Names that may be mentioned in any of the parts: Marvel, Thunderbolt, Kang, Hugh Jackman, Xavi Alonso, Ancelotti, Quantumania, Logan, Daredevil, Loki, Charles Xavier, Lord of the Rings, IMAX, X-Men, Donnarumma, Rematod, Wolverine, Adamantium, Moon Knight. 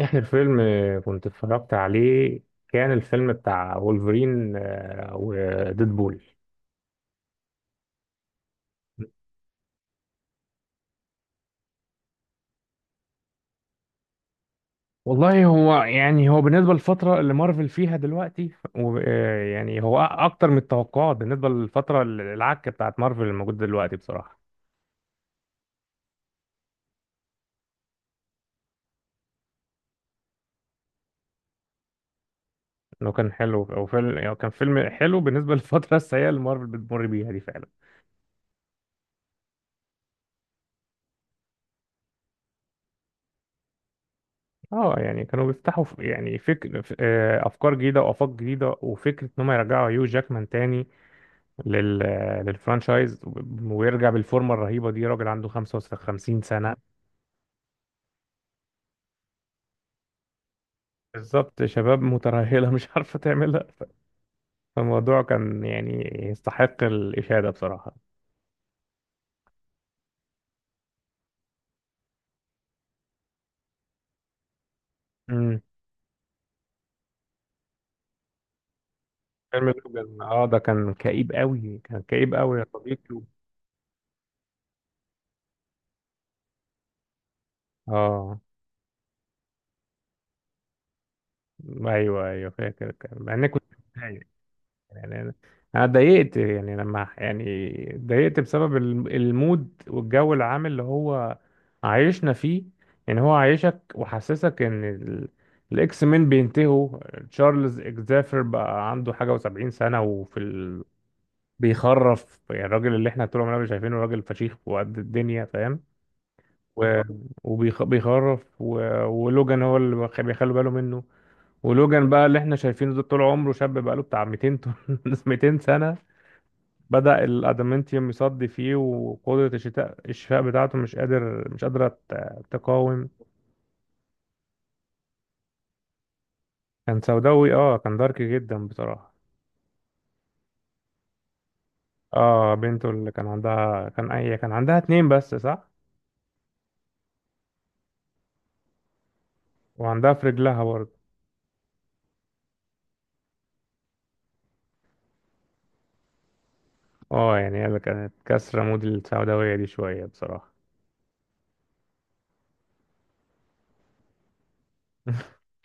احنا الفيلم كنت اتفرجت عليه. كان الفيلم بتاع وولفرين وديدبول. والله، هو بالنسبة للفترة اللي مارفل فيها دلوقتي، يعني هو أكتر من التوقعات بالنسبة للفترة العكة بتاعت مارفل الموجودة دلوقتي بصراحة. إنه كان حلو أو فيلم، يعني كان فيلم حلو بالنسبة للفترة السيئة اللي مارفل بتمر بيها دي فعلا. اه، يعني كانوا بيفتحوا، ف- يعني فكر ف- آه، أفكار جديدة وآفاق جديدة وفكرة إن هم يرجعوا هيو جاكمان تاني لل... للفرانشايز. ويرجع بالفورمه الرهيبه دي، راجل عنده 55 سنه. بالظبط، شباب مترهله مش عارفه تعملها. فالموضوع كان يعني يستحق الاشاده بصراحه. امم فيلم لوجان، اه ده كان كئيب قوي، كان كئيب قوي يا صديقي. اه، ايوه ايوه فاكر، كان مع اني كنت متضايق. يعني انا أنا اتضايقت، يعني لما يعني اتضايقت بسبب المود والجو العام اللي هو عايشنا فيه. يعني هو عايشك وحسسك ان الاكس مين بينتهوا. تشارلز اكزافير بقى عنده حاجه و70 سنه، بيخرف. يعني الراجل اللي احنا طول عمرنا شايفينه راجل فشيخ وقد الدنيا فاهم، و... بيخرف. ولوجان هو اللي بيخ- بيخلوا باله منه. ولوجان بقى اللي احنا شايفينه ده طول عمره شاب بقاله بتاع 200 طن- 200 سنه. بدأ الادامنتيوم يصدي فيه، وقدرة الشتاء الشفاء بتاعته مش قادرة تقاوم. كان سوداوي، اه كان دارك جدا بصراحة. اه، بنته اللي كان عندها، كان عندها اتنين بس صح. وعندها في رجلها برضه. اه، يعني هي اللي كانت كسرة مود السوداوية دي شوية بصراحة.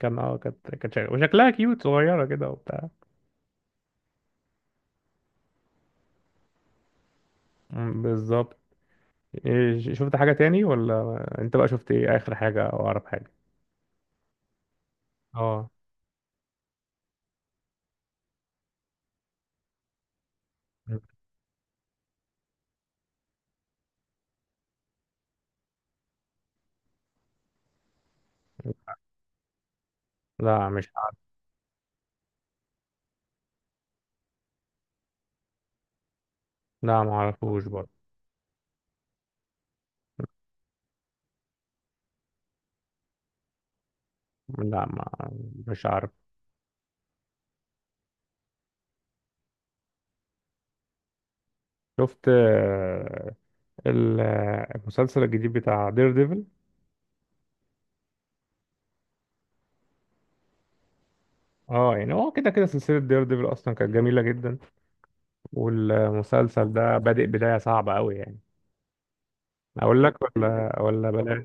كان، اه كانت وشكلها كيوت صغيرة كده وبتاع. بالظبط. إيه، شفت حاجة تاني؟ ولا انت بقى شفت ايه؟ اخر حاجة او اقرب حاجة؟ اه، لا مش عارف. لا ما اعرفوش برضه. لا، ما مش عارف. شفت المسلسل الجديد بتاع دير ديفل؟ اه، يعني هو كده كده سلسلة دير ديفل اصلا كانت جميلة جدا. والمسلسل ده بادئ بداية صعبة قوي يعني. اقول لك ولا ولا بلاش؟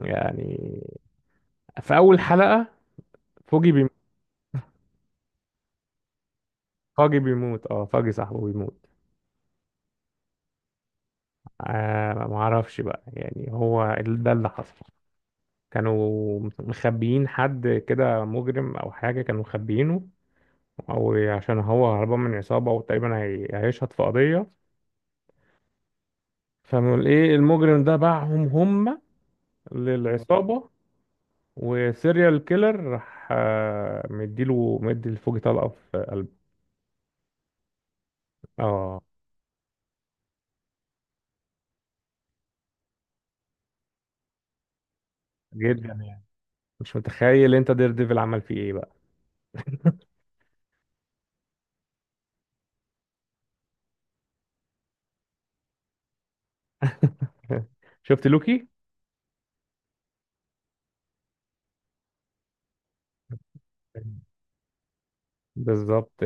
يعني في اول حلقة فوجي بيموت. فوجي بيموت، اه فوجي صاحبه بيموت. آه ما اعرفش بقى، يعني هو ده اللي حصل. كانوا مخبيين حد كده مجرم او حاجة، كانوا مخبيينه، او عشان هو هربان من عصابة وتقريبا هيشهد في قضية. فايه المجرم ده باعهم هم للعصابة. وسيريال كيلر راح، مدي الفوجي طلقة في قلبه. اه، جدا يعني. مش متخيل انت دير ديفل عمل فيه ايه بقى. شفت لوكي؟ بالظبط.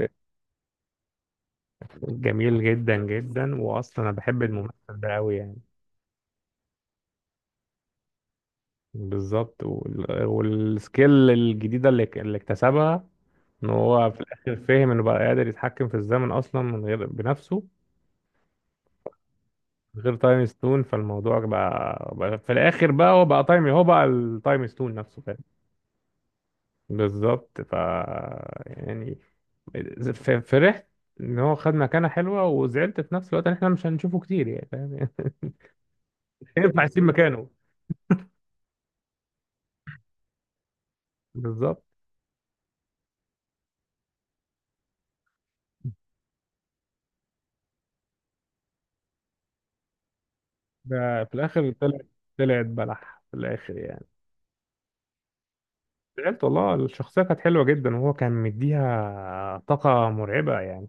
جميل جدا جدا، واصلا انا بحب الممثل ده قوي يعني. بالظبط. والسكيل الجديده اللي اكتسبها، ان هو في الاخر فهم انه بقى قادر يتحكم في الزمن اصلا من غير بنفسه. من غير تايم ستون، فالموضوع بقى في الاخر، بقى هو بقى تايم هو بقى التايم ستون نفسه. بالظبط. يعني فرحت ان هو خد مكانه حلوه، وزعلت في نفس الوقت ان احنا مش هنشوفه كتير، يعني فاهم يعني. مش هينفع اسيب مكانه. بالظبط. ده في الاخر طلع، طلعت بلح في الاخر يعني. زعلت والله، الشخصيه كانت حلوه جدا وهو كان مديها طاقه مرعبه يعني.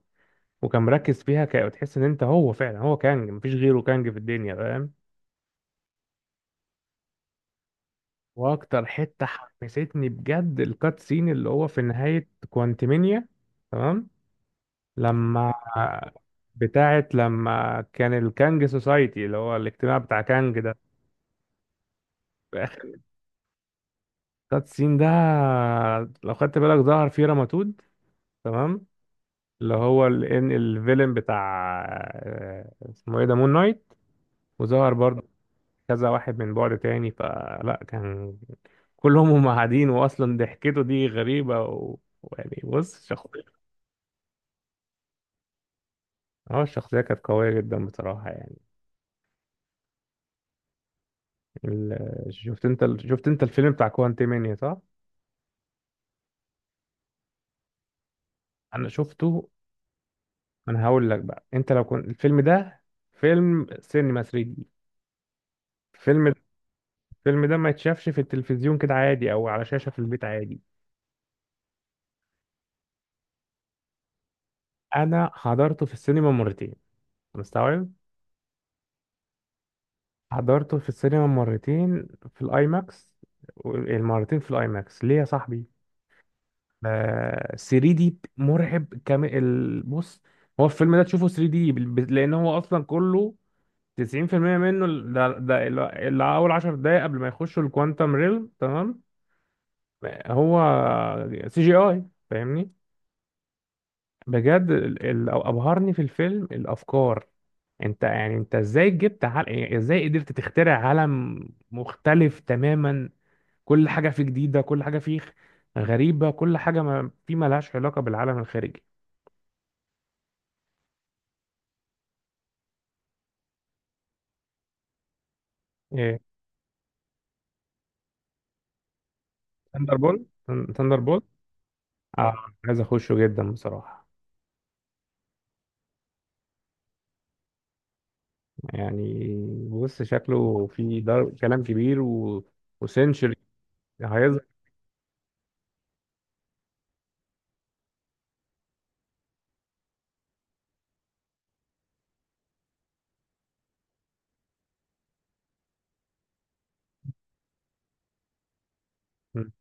وكان مركز فيها تحس ان انت هو فعلا هو كانج، مفيش غيره كانج في الدنيا، فاهم. واكتر حته حمستني بجد الكات سين اللي هو في نهايه كوانتمينيا. تمام، لما، بتاعت لما كان الكانج سوسايتي اللي هو الاجتماع بتاع كانج ده، في اخر كات سين ده لو خدت بالك ظهر فيه رماتود. تمام، اللي هو الان الفيلن بتاع، اسمه ايه ده، مون نايت. وظهر برضه كذا واحد من بعد تاني، فلا كان كلهم هم قاعدين، واصلا ضحكته دي غريبة، و... ويعني بص، شخصية. اه الشخصية كانت قوية جدا بصراحة يعني. ال... شفت انت الفيلم بتاع كوانتي مانيا صح؟ انا شفته. انا هقول لك بقى، انت لو كنت الفيلم ده فيلم سينما 3 دي. الفيلم، الفيلم ده ما يتشافش في التلفزيون كده عادي او على شاشة في البيت عادي. انا حضرته في السينما مرتين، مستوعب. حضرته في السينما مرتين في الاي ماكس. المرتين في الاي ماكس ليه يا صاحبي؟ 3 دي مرعب كامل، بص. هو الفيلم ده تشوفه 3 دي، لان هو اصلا كله 90% منه، اللي اول 10 دقايق قبل ما يخشوا الكوانتم ريل، تمام. هو سي جي اي، فاهمني. بجد ابهرني في الفيلم الافكار. انت يعني انت ازاي جبت يعني ازاي قدرت تخترع عالم مختلف تماما، كل حاجة فيه جديدة، كل حاجة فيه غريبة، كل حاجة ما فيه ملهاش علاقة بالعالم الخارجي. ايه، ثاندر بول ثاندر بول، اه. عايز اخشه جدا بصراحة. يعني بص شكله، كلام كبير و... وسنشري هيظهر. مم.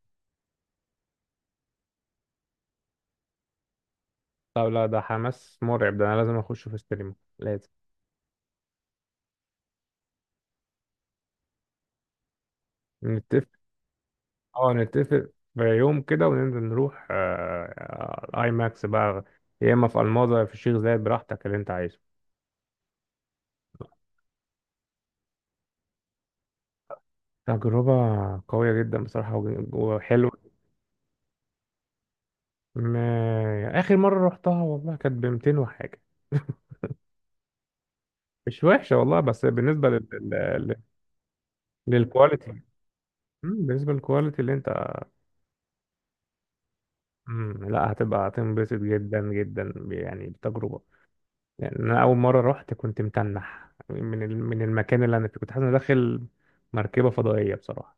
طب لا، ده حماس مرعب، ده انا لازم اخشه في السينما لازم. نتفق. اه نتفق في يوم كده وننزل نروح، اي ماكس بقى. يا اما في الماظة يا في الشيخ زايد، براحتك اللي انت عايزه. تجربة قوية جدا بصراحة، وحلوة. ما... آخر مرة رحتها والله كانت ب 200 وحاجة. مش وحشة والله، بس بالنسبة للكواليتي. بالنسبة للكواليتي اللي انت. لا هتبقى هتنبسط جدا جدا، يعني بتجربة. يعني أنا أول مرة رحت كنت متنح من المكان اللي أنا فيه، كنت حاسس إني داخل مركبة فضائية بصراحة.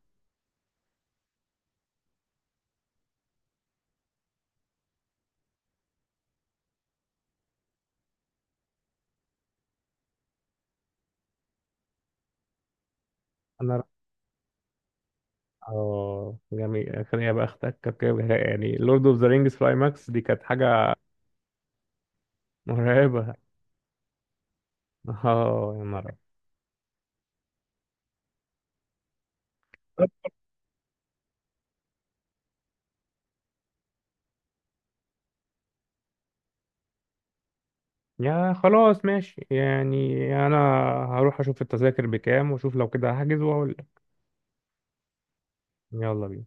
أنا رحت. آه جميل، خليني أبقى أختك كركبة يعني. لورد أوف ذا رينجز في ماكس دي كانت حاجة مرعبة. آه يا نهار أبيض. يا خلاص ماشي، يعني أنا هروح أشوف التذاكر بكام وأشوف، لو كده هحجز وأقول لك. يلا بينا